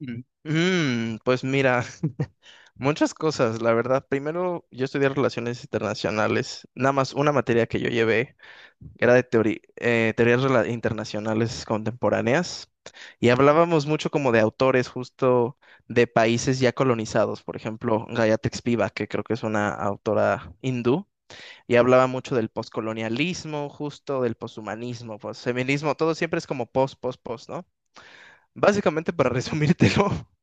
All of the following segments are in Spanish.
Mm. Pues mira, muchas cosas, la verdad. Primero, yo estudié relaciones internacionales. Nada más una materia que yo llevé era de teoría, teorías internacionales contemporáneas. Y hablábamos mucho como de autores justo de países ya colonizados, por ejemplo, Gayatri Spivak, que creo que es una autora hindú, y hablaba mucho del poscolonialismo, justo del poshumanismo, posfeminismo, todo siempre es como post, post, post, ¿no? Básicamente, para resumírtelo,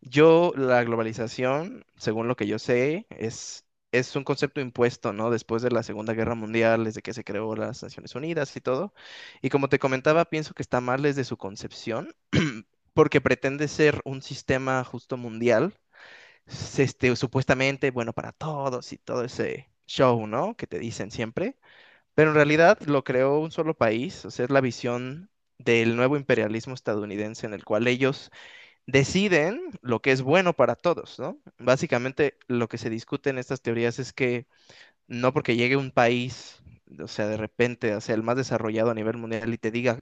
yo, la globalización, según lo que yo sé, es un concepto impuesto, ¿no? Después de la Segunda Guerra Mundial, desde que se creó las Naciones Unidas y todo. Y como te comentaba, pienso que está mal desde su concepción, porque pretende ser un sistema justo mundial, supuestamente bueno para todos y todo ese show, ¿no? Que te dicen siempre. Pero en realidad lo creó un solo país, o sea, es la visión del nuevo imperialismo estadounidense en el cual ellos deciden lo que es bueno para todos, ¿no? Básicamente lo que se discute en estas teorías es que no porque llegue un país, o sea, de repente, o sea, el más desarrollado a nivel mundial y te diga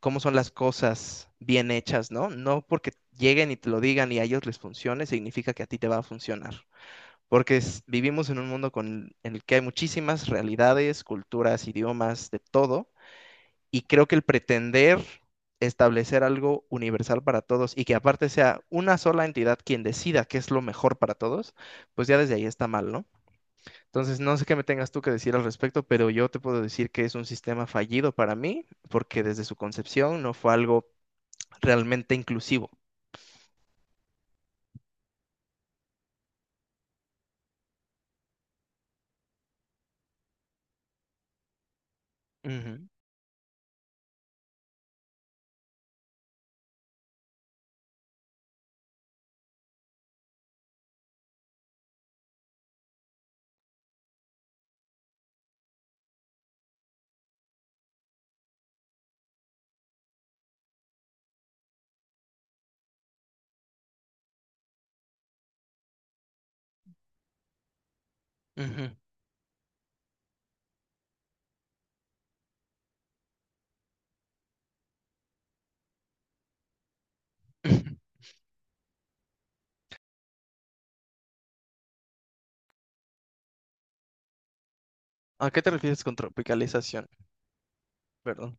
cómo son las cosas bien hechas, ¿no? No porque lleguen y te lo digan y a ellos les funcione, significa que a ti te va a funcionar. Porque vivimos en un mundo con, en el que hay muchísimas realidades, culturas, idiomas, de todo, y creo que el pretender establecer algo universal para todos y que aparte sea una sola entidad quien decida qué es lo mejor para todos, pues ya desde ahí está mal, ¿no? Entonces, no sé qué me tengas tú que decir al respecto, pero yo te puedo decir que es un sistema fallido para mí, porque desde su concepción no fue algo realmente inclusivo. Ujú, ujú, ujú. ¿A qué te refieres con tropicalización? Perdón.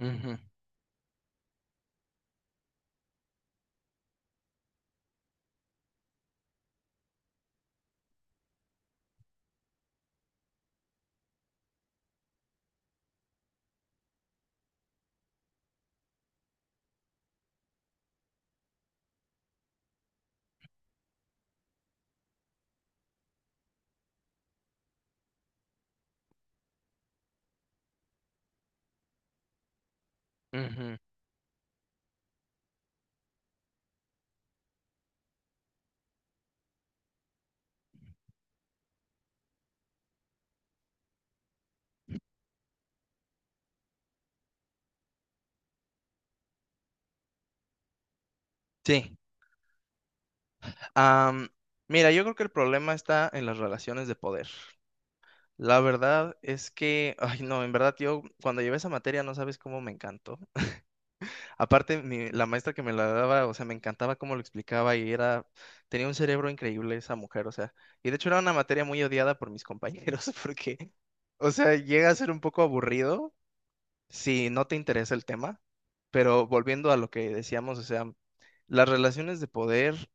Ujú, ujú. Sí. Am, mira, yo creo que el problema está en las relaciones de poder. La verdad es que, ay no, en verdad yo cuando llevé esa materia no sabes cómo me encantó. Aparte, la maestra que me la daba, o sea, me encantaba cómo lo explicaba y era, tenía un cerebro increíble esa mujer, o sea, y de hecho era una materia muy odiada por mis compañeros porque, o sea, llega a ser un poco aburrido si no te interesa el tema, pero volviendo a lo que decíamos, o sea, las relaciones de poder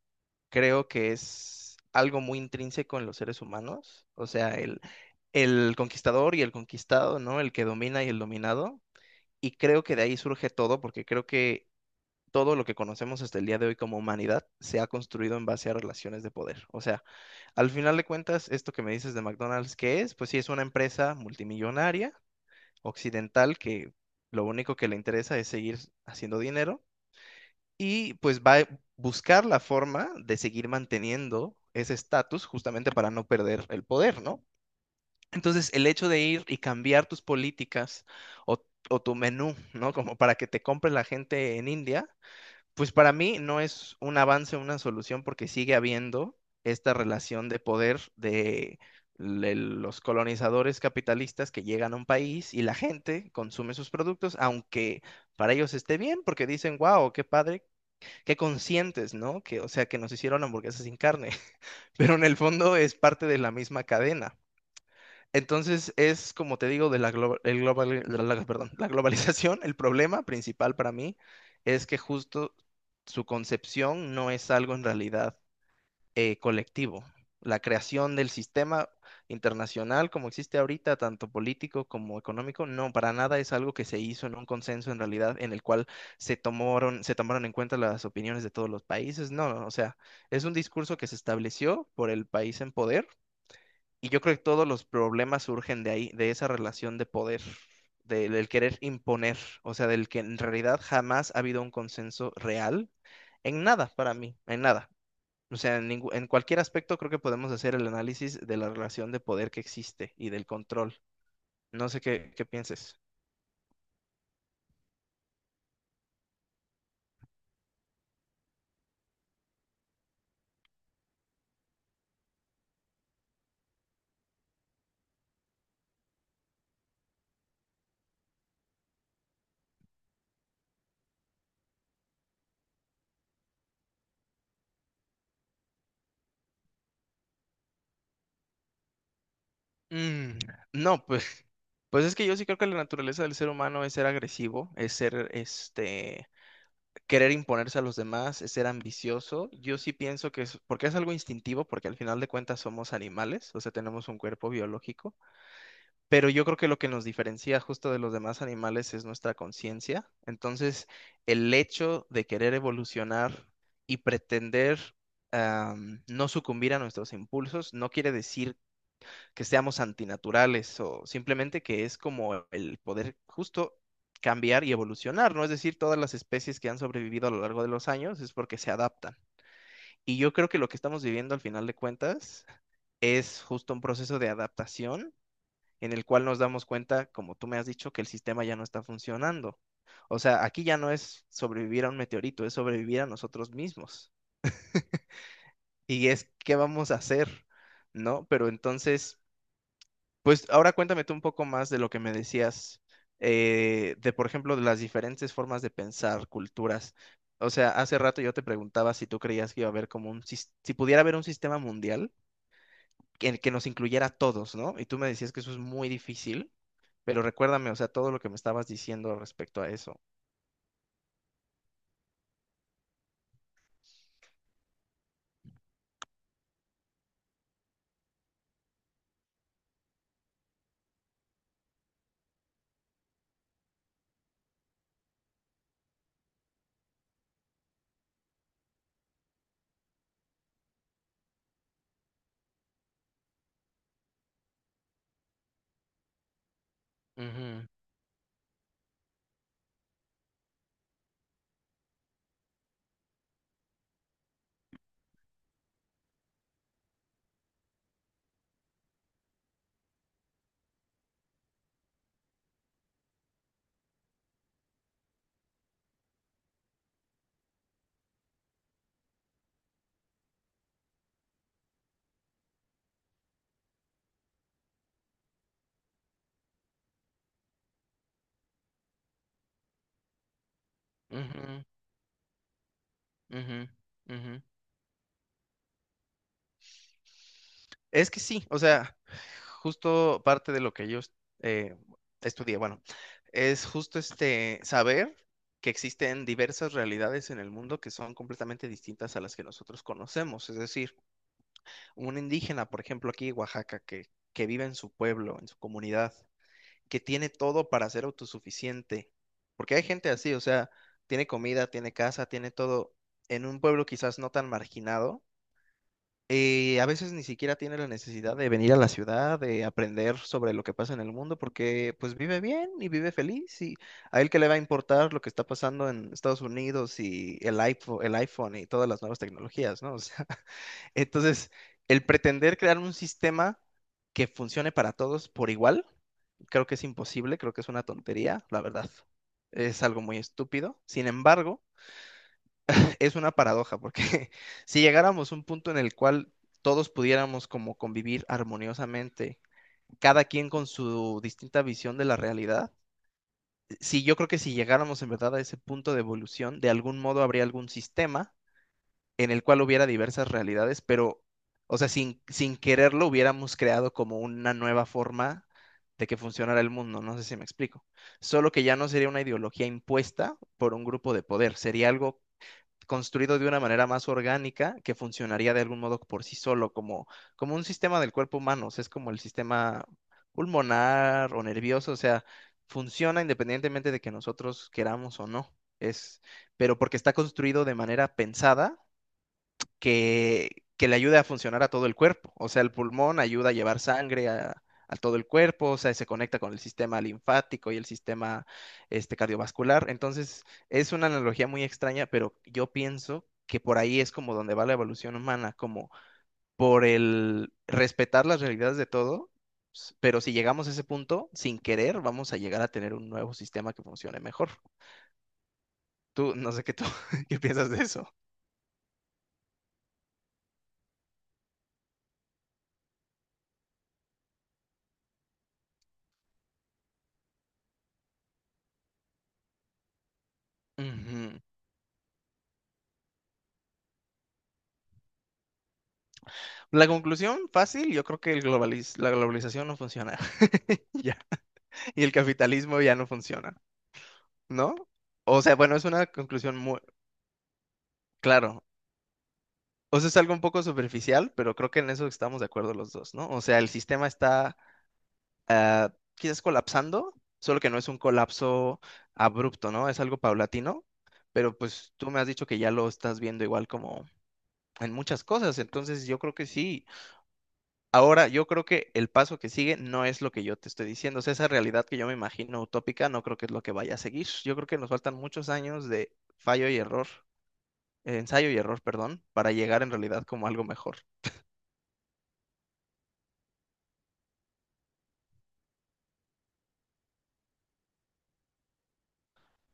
creo que es algo muy intrínseco en los seres humanos, o sea, el conquistador y el conquistado, ¿no? El que domina y el dominado, y creo que de ahí surge todo, porque creo que todo lo que conocemos hasta el día de hoy como humanidad se ha construido en base a relaciones de poder. O sea, al final de cuentas, esto que me dices de McDonald's, ¿qué es? Pues sí, es una empresa multimillonaria, occidental, que lo único que le interesa es seguir haciendo dinero, y pues va a buscar la forma de seguir manteniendo ese estatus justamente para no perder el poder, ¿no? Entonces, el hecho de ir y cambiar tus políticas o, o tu menú, ¿no? Como para que te compre la gente en India, pues para mí no es un avance, una solución, porque sigue habiendo esta relación de poder de los colonizadores capitalistas que llegan a un país y la gente consume sus productos, aunque para ellos esté bien, porque dicen, wow, qué padre, qué conscientes, ¿no? Que, o sea, que nos hicieron hamburguesas sin carne, pero en el fondo es parte de la misma cadena. Entonces es, como te digo, de la, el global, perdón, la globalización, el problema principal para mí es que justo su concepción no es algo en realidad colectivo. La creación del sistema internacional como existe ahorita, tanto político como económico, no, para nada es algo que se hizo en un consenso en realidad, en el cual se tomaron en cuenta las opiniones de todos los países. No, no, o sea, es un discurso que se estableció por el país en poder, y yo creo que todos los problemas surgen de ahí, de esa relación de poder. Del querer imponer, o sea, del que en realidad jamás ha habido un consenso real en nada para mí, en nada. O sea, en, en cualquier aspecto creo que podemos hacer el análisis de la relación de poder que existe y del control. No sé qué pienses. Mm, no, pues, pues es que yo sí creo que la naturaleza del ser humano es ser agresivo, es ser, querer imponerse a los demás, es ser ambicioso. Yo sí pienso que es, porque es algo instintivo, porque al final de cuentas somos animales, o sea, tenemos un cuerpo biológico. Pero yo creo que lo que nos diferencia justo de los demás animales es nuestra conciencia. Entonces, el hecho de querer evolucionar y pretender no sucumbir a nuestros impulsos no quiere decir que seamos antinaturales o simplemente que es como el poder justo cambiar y evolucionar, ¿no? Es decir, todas las especies que han sobrevivido a lo largo de los años es porque se adaptan. Y yo creo que lo que estamos viviendo al final de cuentas es justo un proceso de adaptación en el cual nos damos cuenta, como tú me has dicho, que el sistema ya no está funcionando. O sea, aquí ya no es sobrevivir a un meteorito, es sobrevivir a nosotros mismos. Y es qué vamos a hacer, ¿no? Pero entonces, pues ahora cuéntame tú un poco más de lo que me decías, de por ejemplo, de las diferentes formas de pensar, culturas. O sea, hace rato yo te preguntaba si tú creías que iba a haber como si pudiera haber un sistema mundial que nos incluyera a todos, ¿no? Y tú me decías que eso es muy difícil. Pero recuérdame, o sea, todo lo que me estabas diciendo respecto a eso. Ujú, ujú, ujú, ujú. Es que sí, o sea, justo parte de lo que yo eh, estudié, bueno, es justo este saber que existen diversas realidades en el mundo que son completamente distintas a las que nosotros conocemos. Es decir, un indígena, por ejemplo, aquí en Oaxaca, que vive en su pueblo, en su comunidad, que tiene todo para ser autosuficiente. Porque hay gente así, o sea, tiene comida, tiene casa, tiene todo en un pueblo quizás no tan marginado. A veces ni siquiera tiene la necesidad de venir a la ciudad, de aprender sobre lo que pasa en el mundo, porque pues vive bien y vive feliz, y a él que le va a importar lo que está pasando en Estados Unidos y el iPhone y todas las nuevas tecnologías, ¿no? O sea, entonces, el pretender crear un sistema que funcione para todos por igual, creo que es imposible, creo que es una tontería, la verdad. Es algo muy estúpido. Sin embargo, es una paradoja, porque si llegáramos a un punto en el cual todos pudiéramos como convivir armoniosamente, cada quien con su distinta visión de la realidad, si yo creo que si llegáramos en verdad a ese punto de evolución, de algún modo habría algún sistema en el cual hubiera diversas realidades, pero, o sea, sin quererlo hubiéramos creado como una nueva forma de que funcionara el mundo, no sé si me explico. Solo que ya no sería una ideología impuesta por un grupo de poder, sería algo construido de una manera más orgánica que funcionaría de algún modo por sí solo, como un sistema del cuerpo humano, o sea, es como el sistema pulmonar o nervioso, o sea, funciona independientemente de que nosotros queramos o no. Es, pero porque está construido de manera pensada que le ayude a funcionar a todo el cuerpo. O sea, el pulmón ayuda a llevar sangre a todo el cuerpo, o sea, se conecta con el sistema linfático y el sistema cardiovascular. Entonces, es una analogía muy extraña, pero yo pienso que por ahí es como donde va la evolución humana, como por el respetar las realidades de todo. Pero si llegamos a ese punto, sin querer, vamos a llegar a tener un nuevo sistema que funcione mejor. Tú, no sé qué tú, qué piensas de eso. Ujú. La conclusión fácil, yo creo que la globalización no funciona ya, y el capitalismo ya no funciona, ¿no? O sea, bueno, es una conclusión muy, claro, o sea, es algo un poco superficial, pero creo que en eso estamos de acuerdo los dos, ¿no? O sea, el sistema está quizás colapsando, solo que no es un colapso abrupto, ¿no? Es algo paulatino, pero pues tú me has dicho que ya lo estás viendo igual como en muchas cosas, entonces yo creo que sí. Ahora, yo creo que el paso que sigue no es lo que yo te estoy diciendo, o sea, esa realidad que yo me imagino utópica no creo que es lo que vaya a seguir. Yo creo que nos faltan muchos años de fallo y error, ensayo y error, perdón, para llegar en realidad como algo mejor.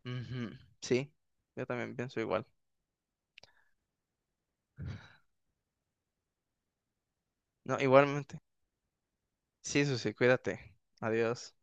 Ujú, sí, yo también pienso igual. No, igualmente. Sí, Susi, cuídate. Adiós.